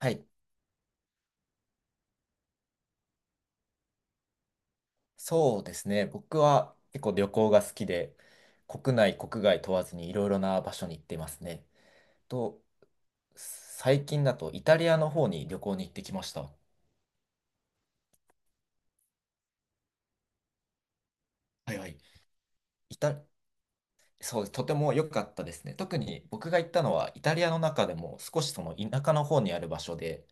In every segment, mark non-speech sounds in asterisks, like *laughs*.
はい。そうですね。僕は結構旅行が好きで、国内、国外問わずにいろいろな場所に行ってますね。と、最近だとイタリアの方に旅行に行ってきました。はいはい。イタ、そうです、とても良かったですね。特に僕が行ったのはイタリアの中でも少しその田舎の方にある場所で、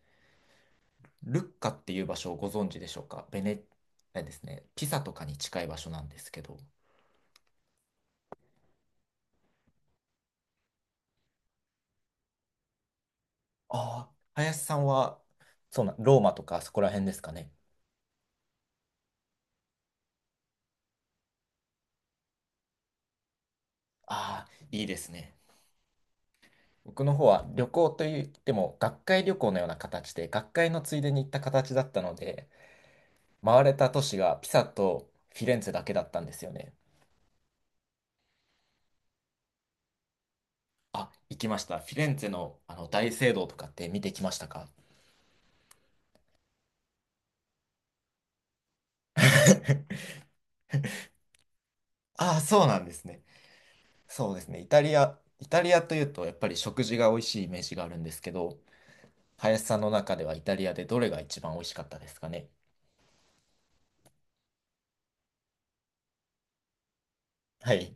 ルッカっていう場所をご存知でしょうか。あれですね、ピサとかに近い場所なんですけど。ああ、林さんは、そうな、ローマとかそこら辺ですかね。ああ、いいですね。僕の方は旅行といっても学会旅行のような形で、学会のついでに行った形だったので、回れた都市がピサとフィレンツェだけだったんですよね。あ、行きました。フィレンツェの、あの大聖堂とかって見てきましたか？ *laughs* ああ、そうなんですね。そうですね。イタリアというとやっぱり食事が美味しいイメージがあるんですけど、林さんの中ではイタリアでどれが一番美味しかったですかね。はい。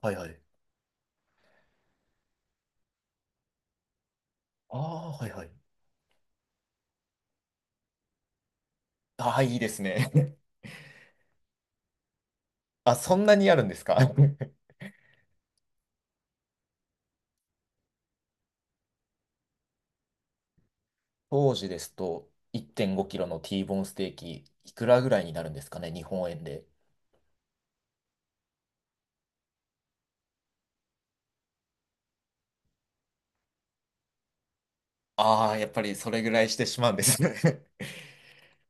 はいはい。ああ、はいはい。ああ、いいですね。あ、そんなにあるんですか？ *laughs* 当時ですと、1.5キロの T ボーンステーキ、いくらぐらいになるんですかね、日本円で。ああ、やっぱりそれぐらいしてしまうんですね。 *laughs*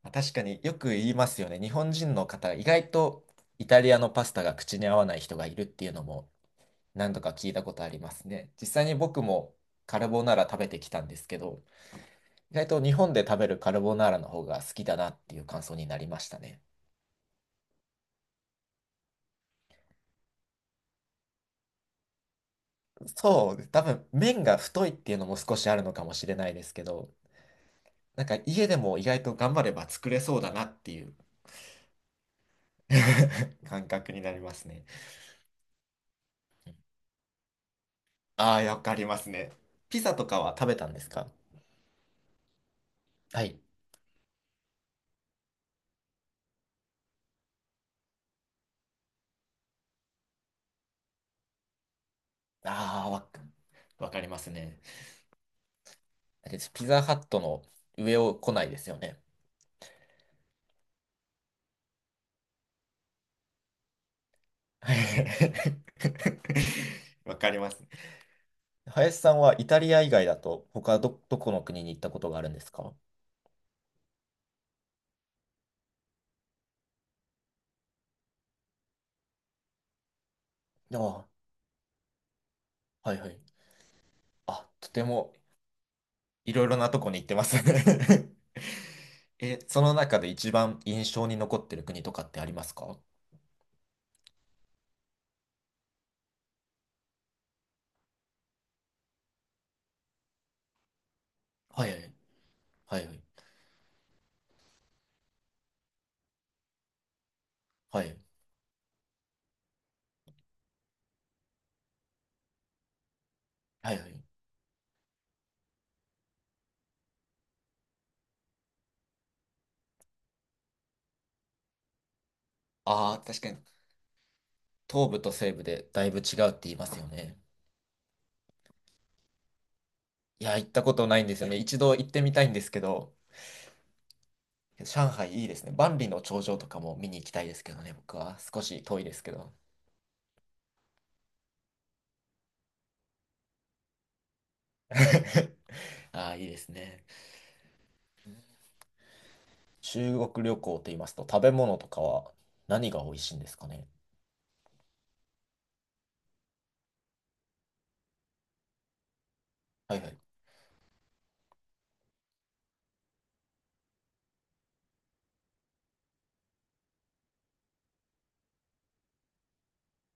まあ確かによく言いますよね。日本人の方、意外とイタリアのパスタが口に合わない人がいるっていうのも何度か聞いたことありますね。実際に僕もカルボナーラ食べてきたんですけど、意外と日本で食べるカルボナーラの方が好きだなっていう感想になりましたね。そう、多分麺が太いっていうのも少しあるのかもしれないですけど、なんか家でも意外と頑張れば作れそうだなっていう *laughs* 感覚になりますね。ああ、わかりますね。ピザとかは食べたんですか？はい。ああ、わかりますね。だってピザハットの上を来ないですよね。はい。 *laughs* わかります。林さんはイタリア以外だと他どこの国に行ったことがあるんですか？ああ、はいはい。あ、とても。いろいろなとこに行ってますね。 *laughs* え、その中で一番印象に残ってる国とかってありますか？はいはいはいはいはいはいはい。ああー、確かに東部と西部でだいぶ違うって言いますよね。いや、行ったことないんですよね。一度行ってみたいんですけど、上海いいですね。万里の長城とかも見に行きたいですけどね、僕は。少し遠いですけど。*laughs* ああ、いいですね。中国旅行と言いますと、食べ物とかは何が美味しいんですかね。はいはい。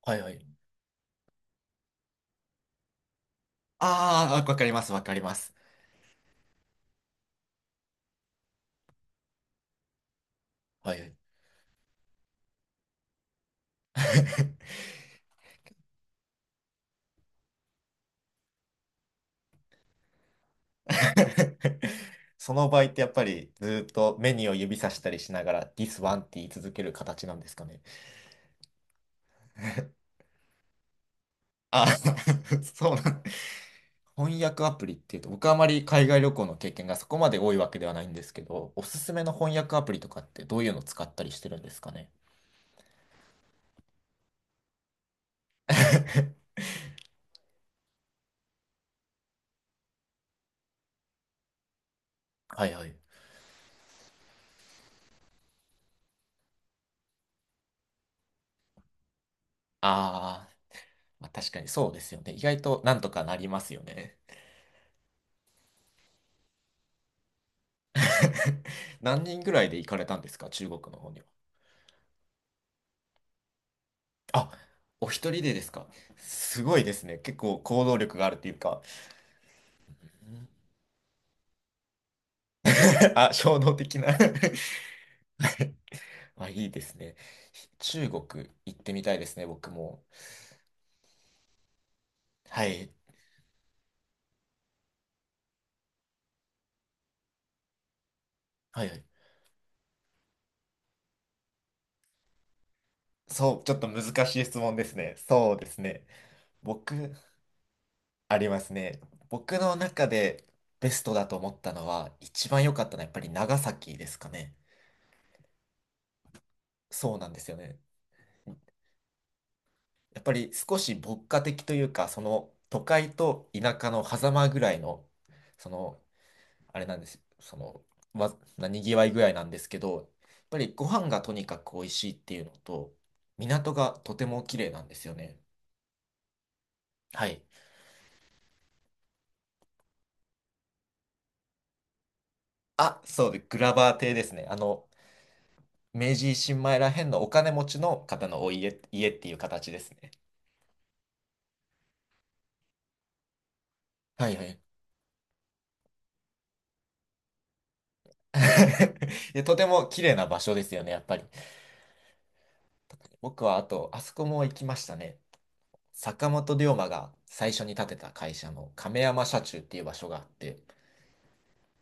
はいはい。ああ、わかります、わかります。はい。*laughs* その場合ってやっぱりずーっとメニューを指さしたりしながら This one って言い続ける形なんですかね。あ、*laughs* そうなん翻訳アプリっていうと僕はあまり海外旅行の経験がそこまで多いわけではないんですけど、おすすめの翻訳アプリとかってどういうの使ったりしてるんですかね。*laughs* はいはい。あー、まあ、確かにそうですよね。意外となんとかなりますよね。*laughs* 何人ぐらいで行かれたんですか、中国の方には。あ、お一人でですか。すごいですね。結構行動力があるっていうか、*laughs* あ、衝動的な。 *laughs* あ、いいですね。中国行ってみたいですね、僕も。はい。はいはい。そう、ちょっと難しい質問ですね。そうですね。僕、ありますね。僕の中でベストだと思ったのは、一番良かったのはやっぱり長崎ですかね。そうなんですよね。やっぱり少し牧歌的というか、その都会と田舎の狭間ぐらいの、そのあれなんです。その、にぎわい具合なんですけど、やっぱりご飯がとにかく美味しいっていうのと、港がとても綺麗なんですよね。はい。あ、そうで、グラバー邸ですね。あの、明治維新前らへんのお金持ちの方のお家っていう形ですね。はいはい。*laughs* で、とても綺麗な場所ですよね、やっぱり。僕はあと、あそこも行きましたね。坂本龍馬が最初に建てた会社の亀山社中っていう場所があって、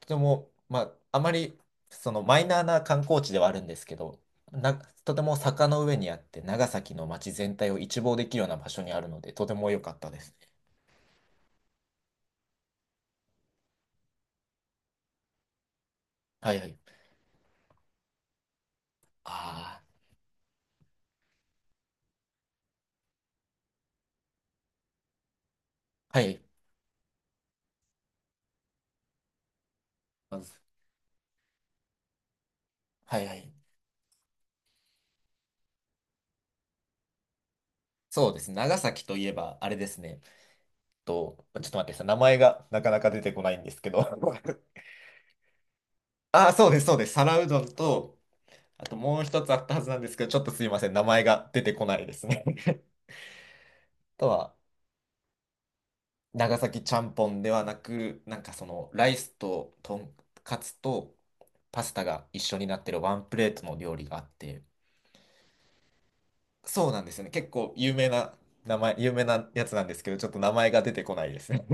とても、まあ、あまりそのマイナーな観光地ではあるんですけど、な、とても坂の上にあって、長崎の街全体を一望できるような場所にあるので、とても良かったですね。はいはい。ああ、はい。まず、はいはい。そうですね。長崎といえば、あれですね。ちょっと待ってください。名前がなかなか出てこないんですけど。*laughs* ああ、そうです、そうです。皿うどんと、あともう一つあったはずなんですけど、ちょっとすいません。名前が出てこないですね。*laughs* あとは、長崎ちゃんぽんではなく、なんかそのライスととんかつとパスタが一緒になってるワンプレートの料理があって、そうなんですよね。結構有名なやつなんですけど、ちょっと名前が出てこないですね。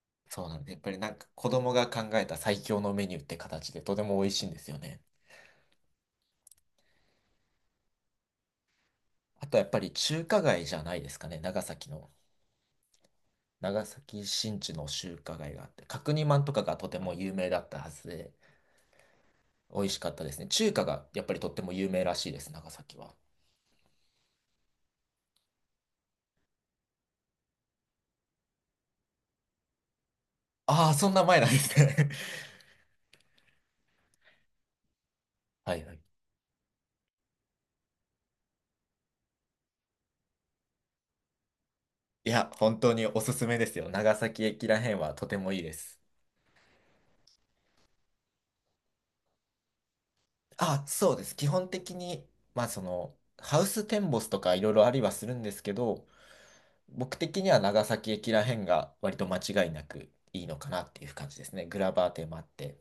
*laughs* そうなんです。やっぱりなんか子供が考えた最強のメニューって形でとても美味しいんですよね。あとやっぱり中華街じゃないですかね、長崎の。長崎新地の中華街があって、角煮まんとかがとても有名だったはずで、美味しかったですね。中華がやっぱりとっても有名らしいです、長崎は。ああ、そんな前なんですね。*laughs* はいはい。いや、本当におすすめですよ。長崎駅らへんはとてもいいです。あ、そうです。基本的に、まあその、ハウステンボスとかいろいろありはするんですけど、僕的には長崎駅らへんが割と間違いなくいいのかなっていう感じですね。グラバー店もあって。